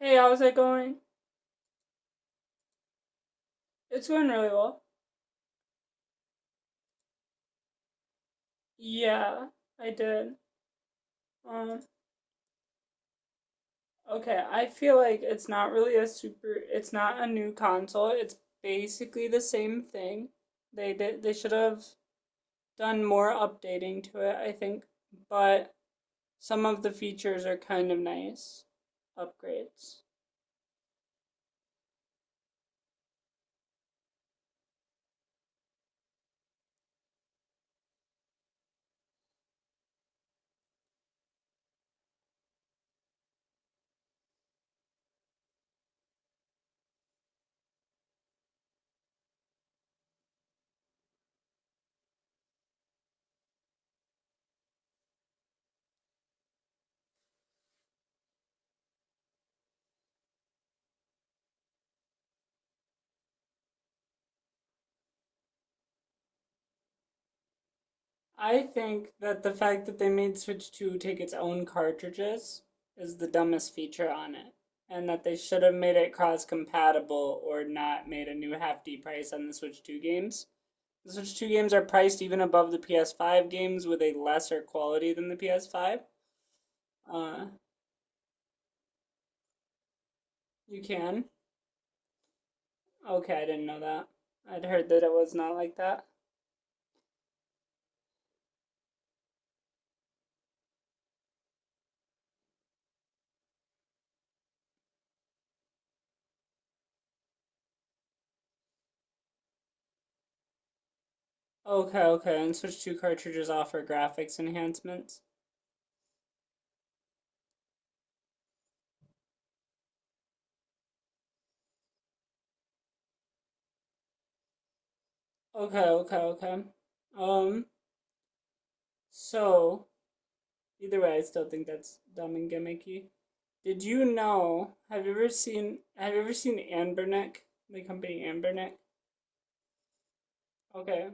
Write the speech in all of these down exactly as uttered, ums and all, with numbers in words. Hey, how's it going? It's going really well. Yeah, I did. Um, okay, I feel like it's not really a super, it's not a new console. It's basically the same thing. They did, they should have done more updating to it, I think, but some of the features are kind of nice upgrades. I think that the fact that they made Switch two take its own cartridges is the dumbest feature on it. And that they should have made it cross compatible or not made a new hefty price on the Switch two games. The Switch two games are priced even above the P S five games with a lesser quality than the P S five. Uh, you can? Okay, I didn't know that. I'd heard that it was not like that. Okay, okay, and Switch two cartridges offer graphics enhancements. Okay, okay, okay. Um, so Either way, I still think that's dumb and gimmicky. Did you know? Have you ever seen? Have you ever seen Anbernic? The company Anbernic. Okay.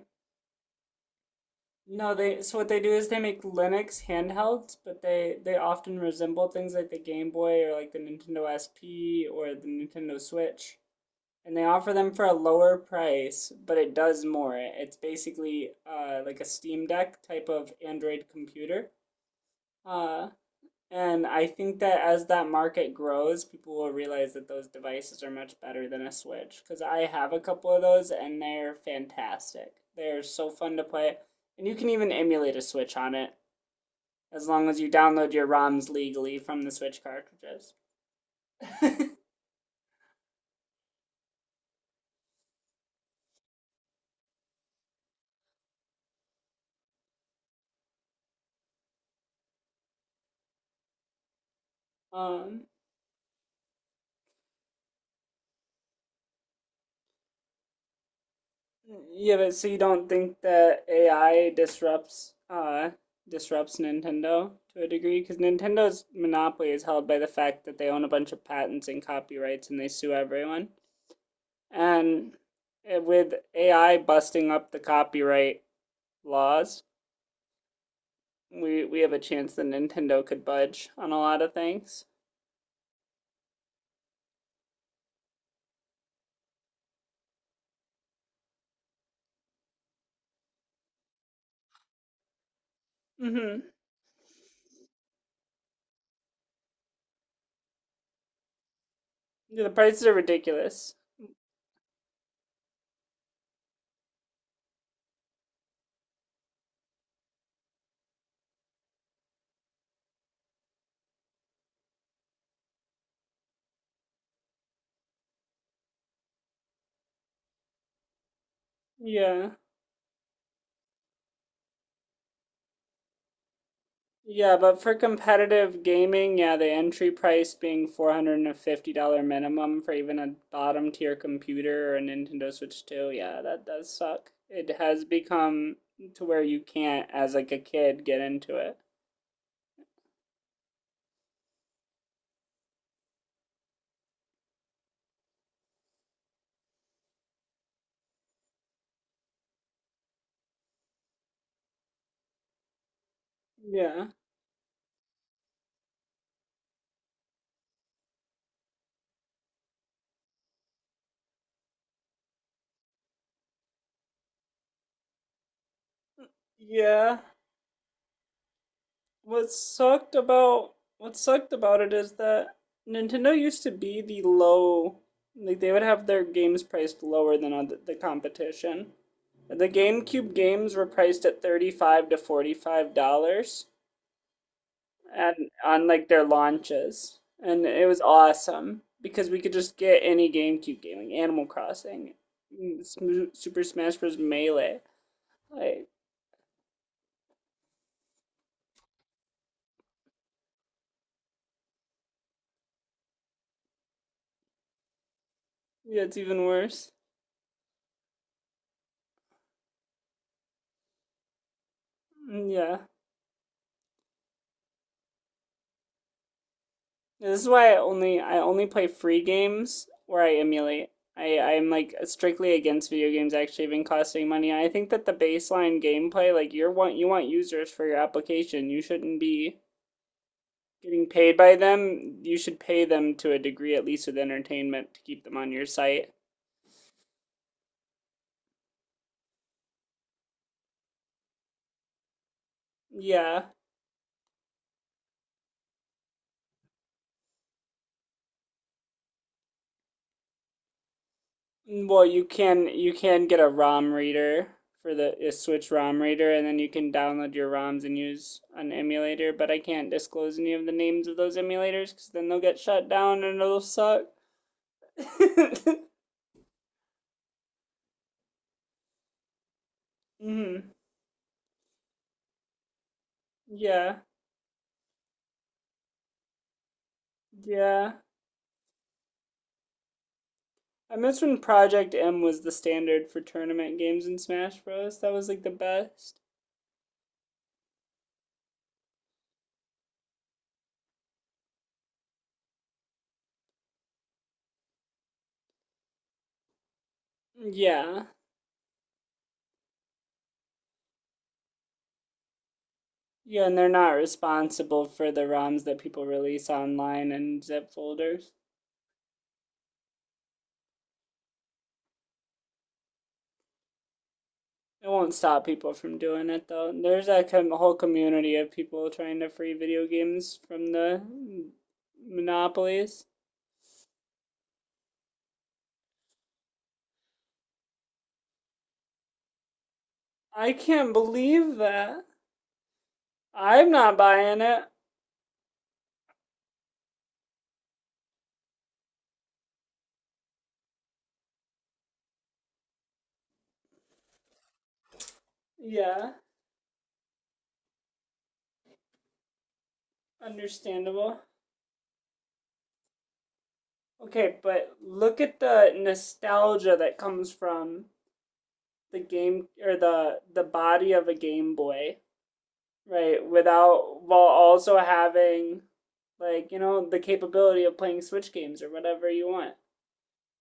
No, they. So what they do is they make Linux handhelds, but they they often resemble things like the Game Boy or like the Nintendo S P or the Nintendo Switch, and they offer them for a lower price, but it does more. It's basically uh like a Steam Deck type of Android computer. Uh, And I think that as that market grows, people will realize that those devices are much better than a Switch. Because I have a couple of those and they're fantastic. They're so fun to play. And you can even emulate a Switch on it as long as you download your ROMs legally from the Switch cartridges. um, yeah, but so you don't think that A I disrupts uh, disrupts Nintendo to a degree because Nintendo's monopoly is held by the fact that they own a bunch of patents and copyrights and they sue everyone. and uh, with A I busting up the copyright laws, we we have a chance that Nintendo could budge on a lot of things. Mm-hmm. Yeah, the prices are ridiculous. Yeah. Yeah, but for competitive gaming, yeah, the entry price being four hundred fifty dollars minimum for even a bottom tier computer or a Nintendo Switch two, yeah, that does suck. It has become to where you can't, as like a kid, get into it. Yeah. Yeah. what sucked about what sucked about it is that Nintendo used to be the low like they would have their games priced lower than other, the competition. The GameCube games were priced at thirty-five to forty-five dollars and on like their launches and it was awesome because we could just get any GameCube game like Animal Crossing, Super Smash Bros melee. Like yeah, it's even worse. Mm, yeah. This is why I only I only play free games where I emulate. I I'm like strictly against video games actually even costing money. I think that the baseline gameplay, like you're want you want users for your application. You shouldn't be getting paid by them. You should pay them to a degree at least with entertainment to keep them on your site. Yeah, well, you can you can get a ROM reader for the a Switch ROM reader, and then you can download your ROMs and use an emulator. But I can't disclose any of the names of those emulators because then they'll get shut down and it'll suck. Hmm. Yeah, yeah. I miss when Project M was the standard for tournament games in Smash Bros. That was like the best. Yeah. Yeah, and they're not responsible for the ROMs that people release online and zip folders. It won't stop people from doing it though. There's a com- whole community of people trying to free video games from the monopolies. I can't believe that. I'm not buying it. Yeah, understandable. Okay, but look at the nostalgia that comes from the game or the the body of a Game Boy, right? Without while also having like, you know, the capability of playing Switch games or whatever you want,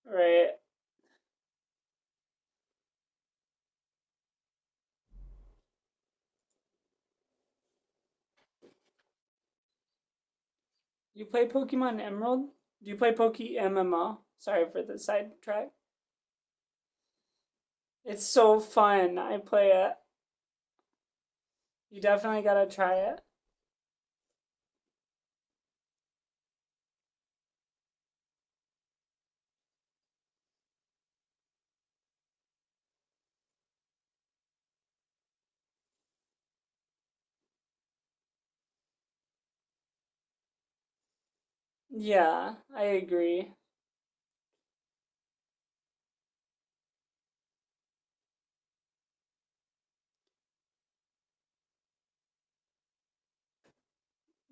right? You play Pokemon Emerald? Do you play Poke M M O? Sorry for the sidetrack. It's so fun. I play it. You definitely gotta try it. Yeah, I agree.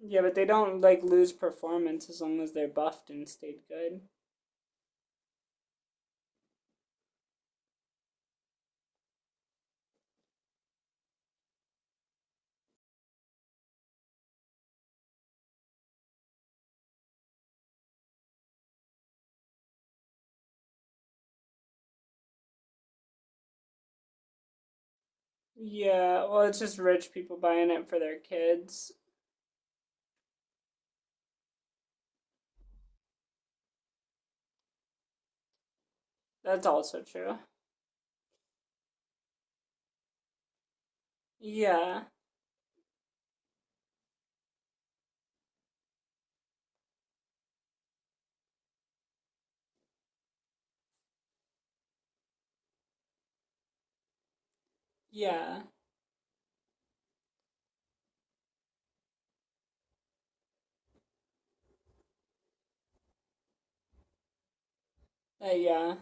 Yeah, but they don't like lose performance as long as they're buffed and stayed good. Yeah, well, it's just rich people buying it for their kids. That's also true. Yeah, yeah, uh, yeah,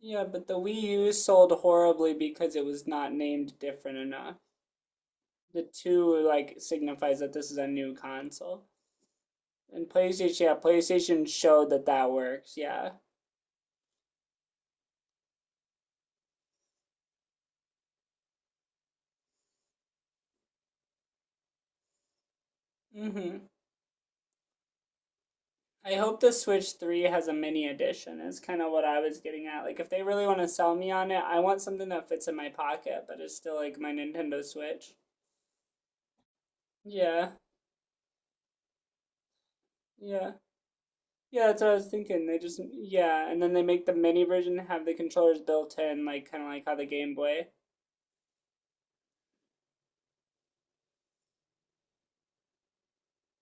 yeah. But the Wii U sold horribly because it was not named different enough. The two like signifies that this is a new console. And PlayStation, yeah, PlayStation showed that that works. Yeah. Mhm. I hope the Switch three has a mini edition. Is kind of what I was getting at. Like if they really want to sell me on it, I want something that fits in my pocket but is still like my Nintendo Switch. Yeah. Yeah. Yeah, that's what I was thinking. They just yeah, and then they make the mini version have the controllers built in like kind of like how the Game Boy.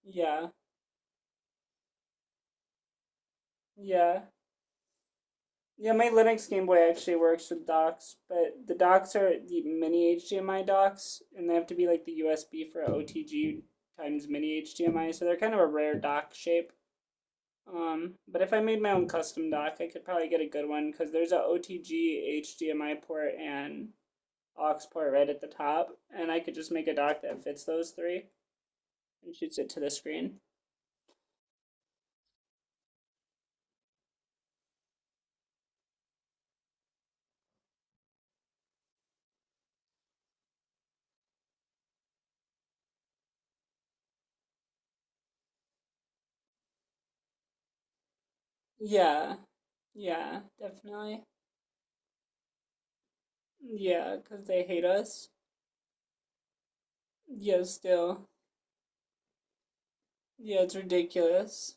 Yeah. Yeah. Yeah, my Linux Game Boy actually works with docks, but the docks are the mini H D M I docks, and they have to be like the U S B for O T G times mini H D M I, so they're kind of a rare dock shape. Um, but if I made my own custom dock, I could probably get a good one because there's a O T G H D M I port and aux port right at the top, and I could just make a dock that fits those three and shoots it to the screen. Yeah, yeah, definitely. Yeah, because they hate us. Yeah, still. Yeah, it's ridiculous.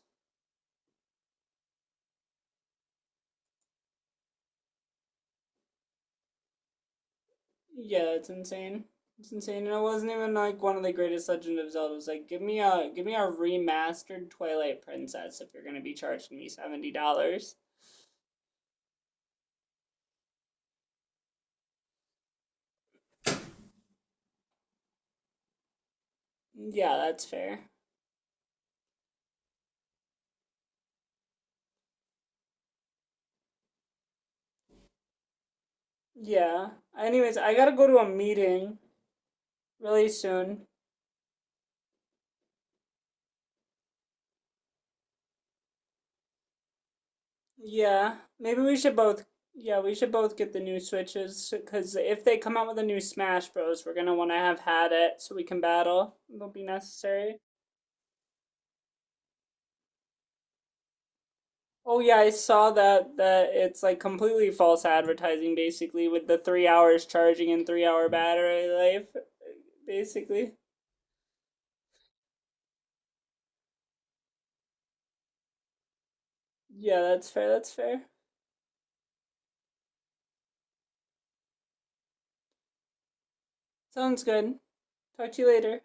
Yeah, it's insane. It's insane, and it wasn't even like one of the greatest Legend of Zeldas. It was like, give me a give me a remastered Twilight Princess if you're gonna be charging me seventy dollars. Yeah, that's fair. Yeah. Anyways, I gotta go to a meeting really soon. Yeah, maybe we should both. Yeah, we should both get the new switches because if they come out with a new Smash Bros, we're gonna want to have had it so we can battle. It'll be necessary. Oh yeah, I saw that that it's like completely false advertising basically with the three hours charging and three hour battery life basically. Yeah, that's fair, that's fair. Sounds good. Talk to you later.